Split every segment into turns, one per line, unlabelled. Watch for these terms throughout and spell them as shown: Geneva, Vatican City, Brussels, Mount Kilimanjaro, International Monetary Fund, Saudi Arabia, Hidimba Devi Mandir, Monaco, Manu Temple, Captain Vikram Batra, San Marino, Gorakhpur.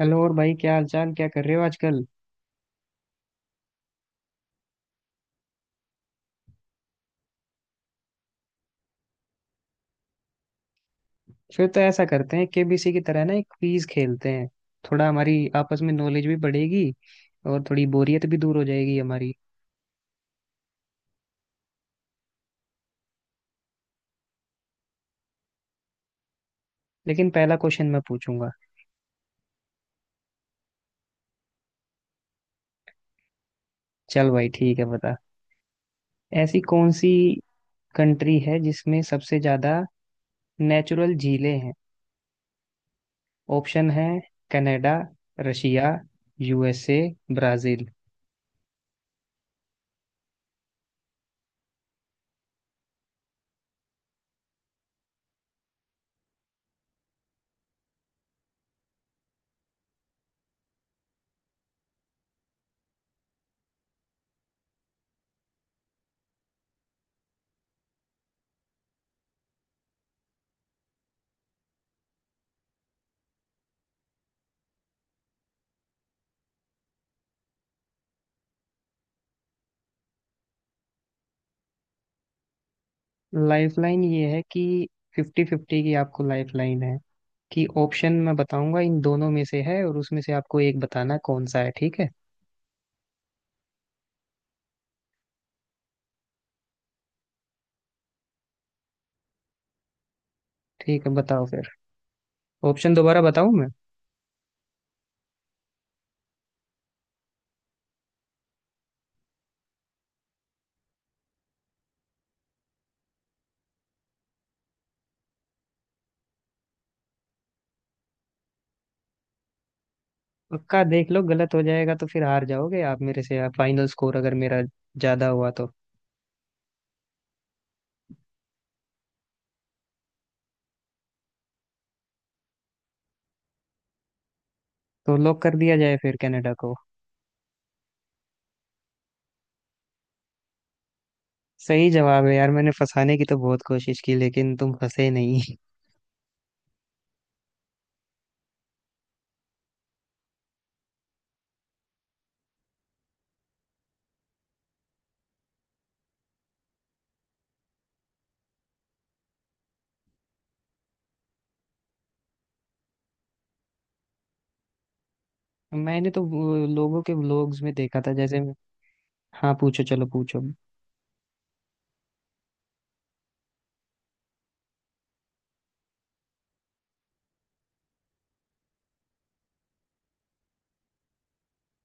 Hello और भाई, क्या हालचाल, क्या कर रहे हो आजकल। फिर तो ऐसा करते हैं, केबीसी की तरह ना एक क्विज खेलते हैं। थोड़ा हमारी आपस में नॉलेज भी बढ़ेगी और थोड़ी बोरियत भी दूर हो जाएगी हमारी। लेकिन पहला क्वेश्चन मैं पूछूंगा। चल भाई ठीक है, बता। ऐसी कौन सी कंट्री है जिसमें सबसे ज्यादा नेचुरल झीलें हैं? ऑप्शन है Canada, Russia, USA, Brazil. Lifeline ये है कि फिफ्टी फिफ्टी की आपको लाइफलाइन है, कि ऑप्शन मैं बताऊंगा इन दोनों में से है और उसमें से आपको एक बताना कौन सा है। ठीक है? ठीक है, बताओ फिर। ऑप्शन दोबारा बताऊं मैं? पक्का देख लो, गलत हो जाएगा तो फिर हार जाओगे आप मेरे से। फाइनल स्कोर अगर मेरा ज्यादा हुआ तो। तो लॉक कर दिया जाए फिर कनाडा को। सही जवाब है यार। मैंने फंसाने की तो बहुत कोशिश की, लेकिन तुम फंसे नहीं। मैंने तो वो लोगों के व्लॉग्स में देखा था जैसे। हाँ, पूछो चलो पूछो।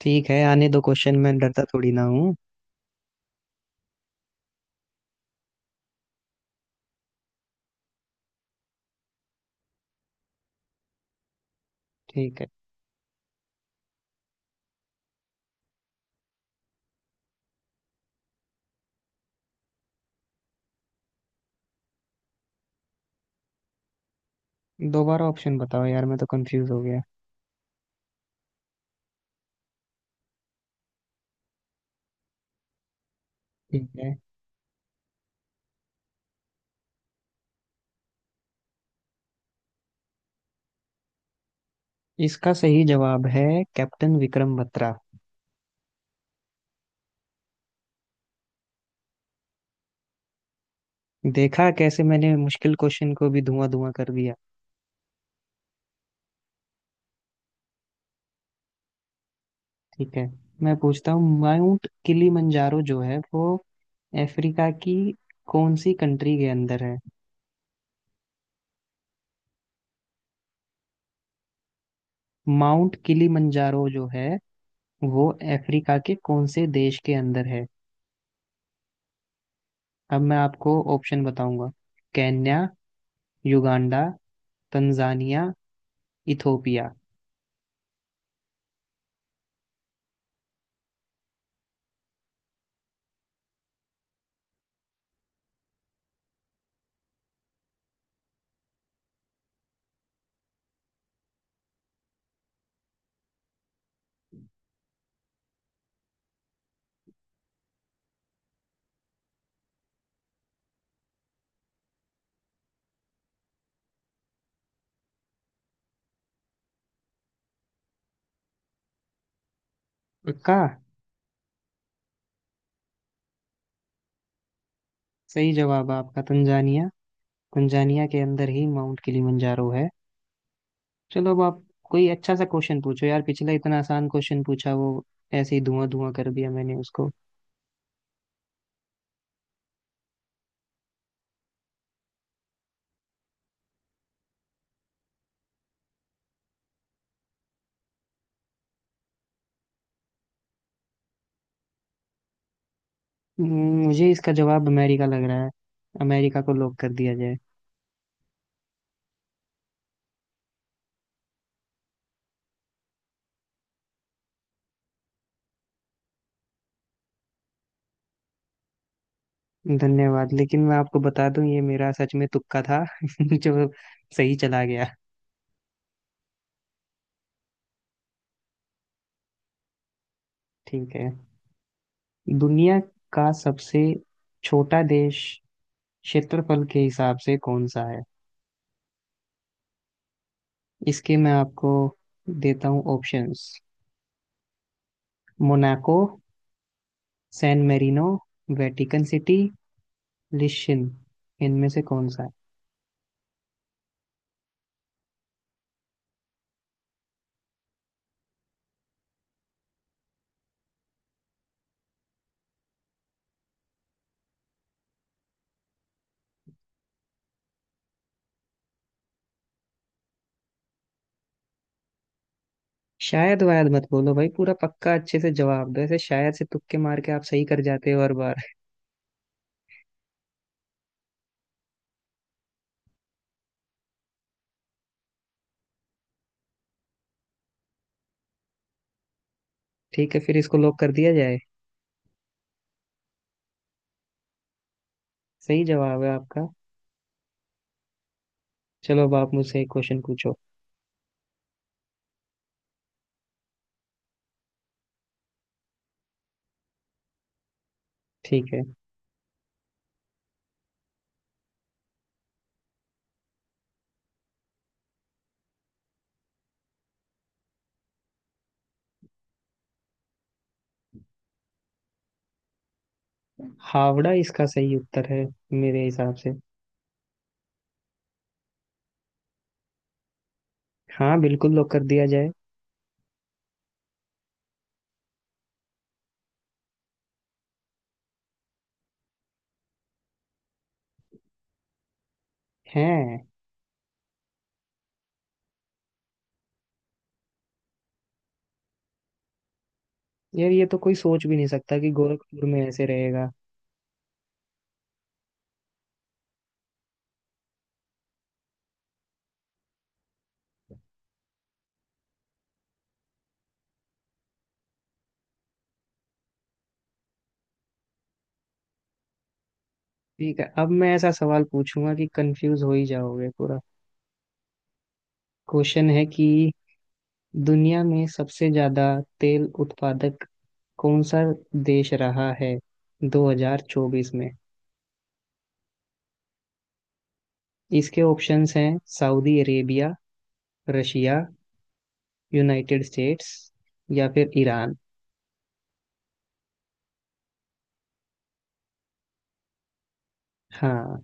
ठीक है, आने दो क्वेश्चन, मैं डरता थोड़ी ना हूँ। ठीक है। दोबारा ऑप्शन बताओ यार, मैं तो कंफ्यूज हो गया। ठीक है। इसका सही जवाब है कैप्टन विक्रम बत्रा। देखा, कैसे मैंने मुश्किल क्वेश्चन को भी धुआं धुआं कर दिया। ठीक है, मैं पूछता हूँ। माउंट किलीमंजारो जो है वो अफ्रीका की कौन सी कंट्री के अंदर है? माउंट किलीमंजारो जो है वो अफ्रीका के कौन से देश के अंदर है? अब मैं आपको ऑप्शन बताऊंगा। Kenya, Uganda, Tanzania, Ethiopia. का। सही जवाब है आपका तंजानिया। तंजानिया के अंदर ही माउंट किलिमंजारो है। चलो अब आप कोई अच्छा सा क्वेश्चन पूछो यार। पिछला इतना आसान क्वेश्चन पूछा, वो ऐसे ही धुआं धुआं कर दिया मैंने उसको। मुझे इसका जवाब अमेरिका लग रहा है। अमेरिका को लॉक कर दिया जाए। धन्यवाद, लेकिन मैं आपको बता दूं, ये मेरा सच में तुक्का था जो सही चला गया। ठीक है। दुनिया का सबसे छोटा देश क्षेत्रफल के हिसाब से कौन सा है? इसके मैं आपको देता हूँ options. Monaco, San Marino, Vatican City, लिशन। इनमें से कौन सा है? शायद वायद मत बोलो भाई, पूरा पक्का अच्छे से जवाब दो। ऐसे शायद से तुक्के मार के आप सही कर जाते हो हर बार। ठीक है, फिर इसको लॉक कर दिया जाए। सही जवाब है आपका। चलो अब आप मुझसे एक क्वेश्चन पूछो। ठीक है। हावड़ा इसका सही उत्तर है मेरे हिसाब से। हाँ बिल्कुल, लॉक कर दिया जाए। हैं? यार, ये तो कोई सोच भी नहीं सकता कि गोरखपुर में ऐसे रहेगा। ठीक है, अब मैं ऐसा सवाल पूछूंगा कि कंफ्यूज हो ही जाओगे पूरा। क्वेश्चन है कि दुनिया में सबसे ज्यादा तेल उत्पादक कौन सा देश रहा है 2024 में? इसके ऑप्शंस हैं Saudi Arabia, Russia, United States, या फिर ईरान। हाँ।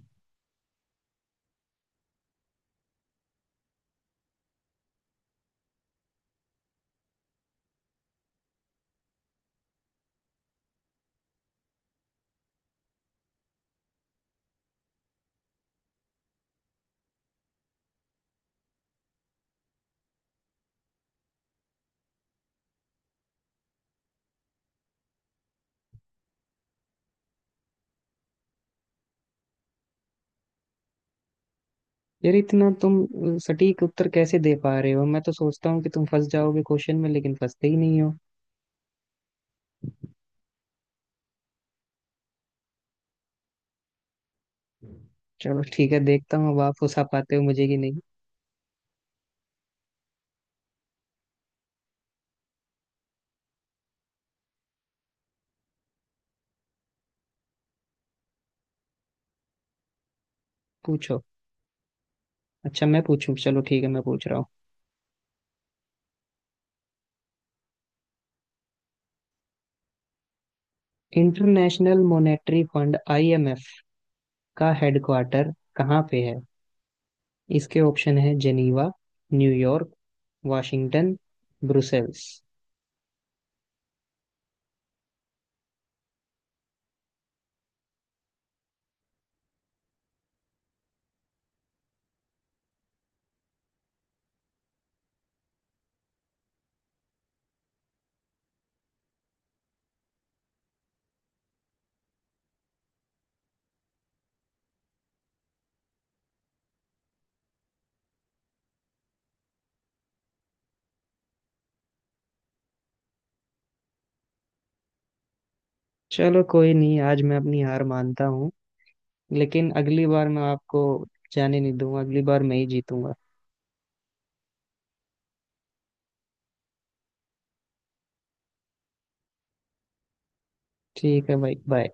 यार, इतना तुम सटीक उत्तर कैसे दे पा रहे हो। मैं तो सोचता हूँ कि तुम फंस जाओगे क्वेश्चन में, लेकिन फंसते ही नहीं हो। चलो ठीक है, देखता हूँ अब आप फंसा पाते हो मुझे कि नहीं। पूछो। अच्छा मैं पूछूं, चलो ठीक है मैं पूछ रहा हूँ। इंटरनेशनल मॉनेटरी फंड आईएमएफ का हेडक्वार्टर कहाँ पे है? इसके ऑप्शन है जेनीवा, न्यूयॉर्क, वाशिंगटन, ब्रुसेल्स। चलो कोई नहीं, आज मैं अपनी हार मानता हूँ। लेकिन अगली बार मैं आपको जाने नहीं दूंगा, अगली बार मैं ही जीतूंगा। ठीक है भाई, बाय।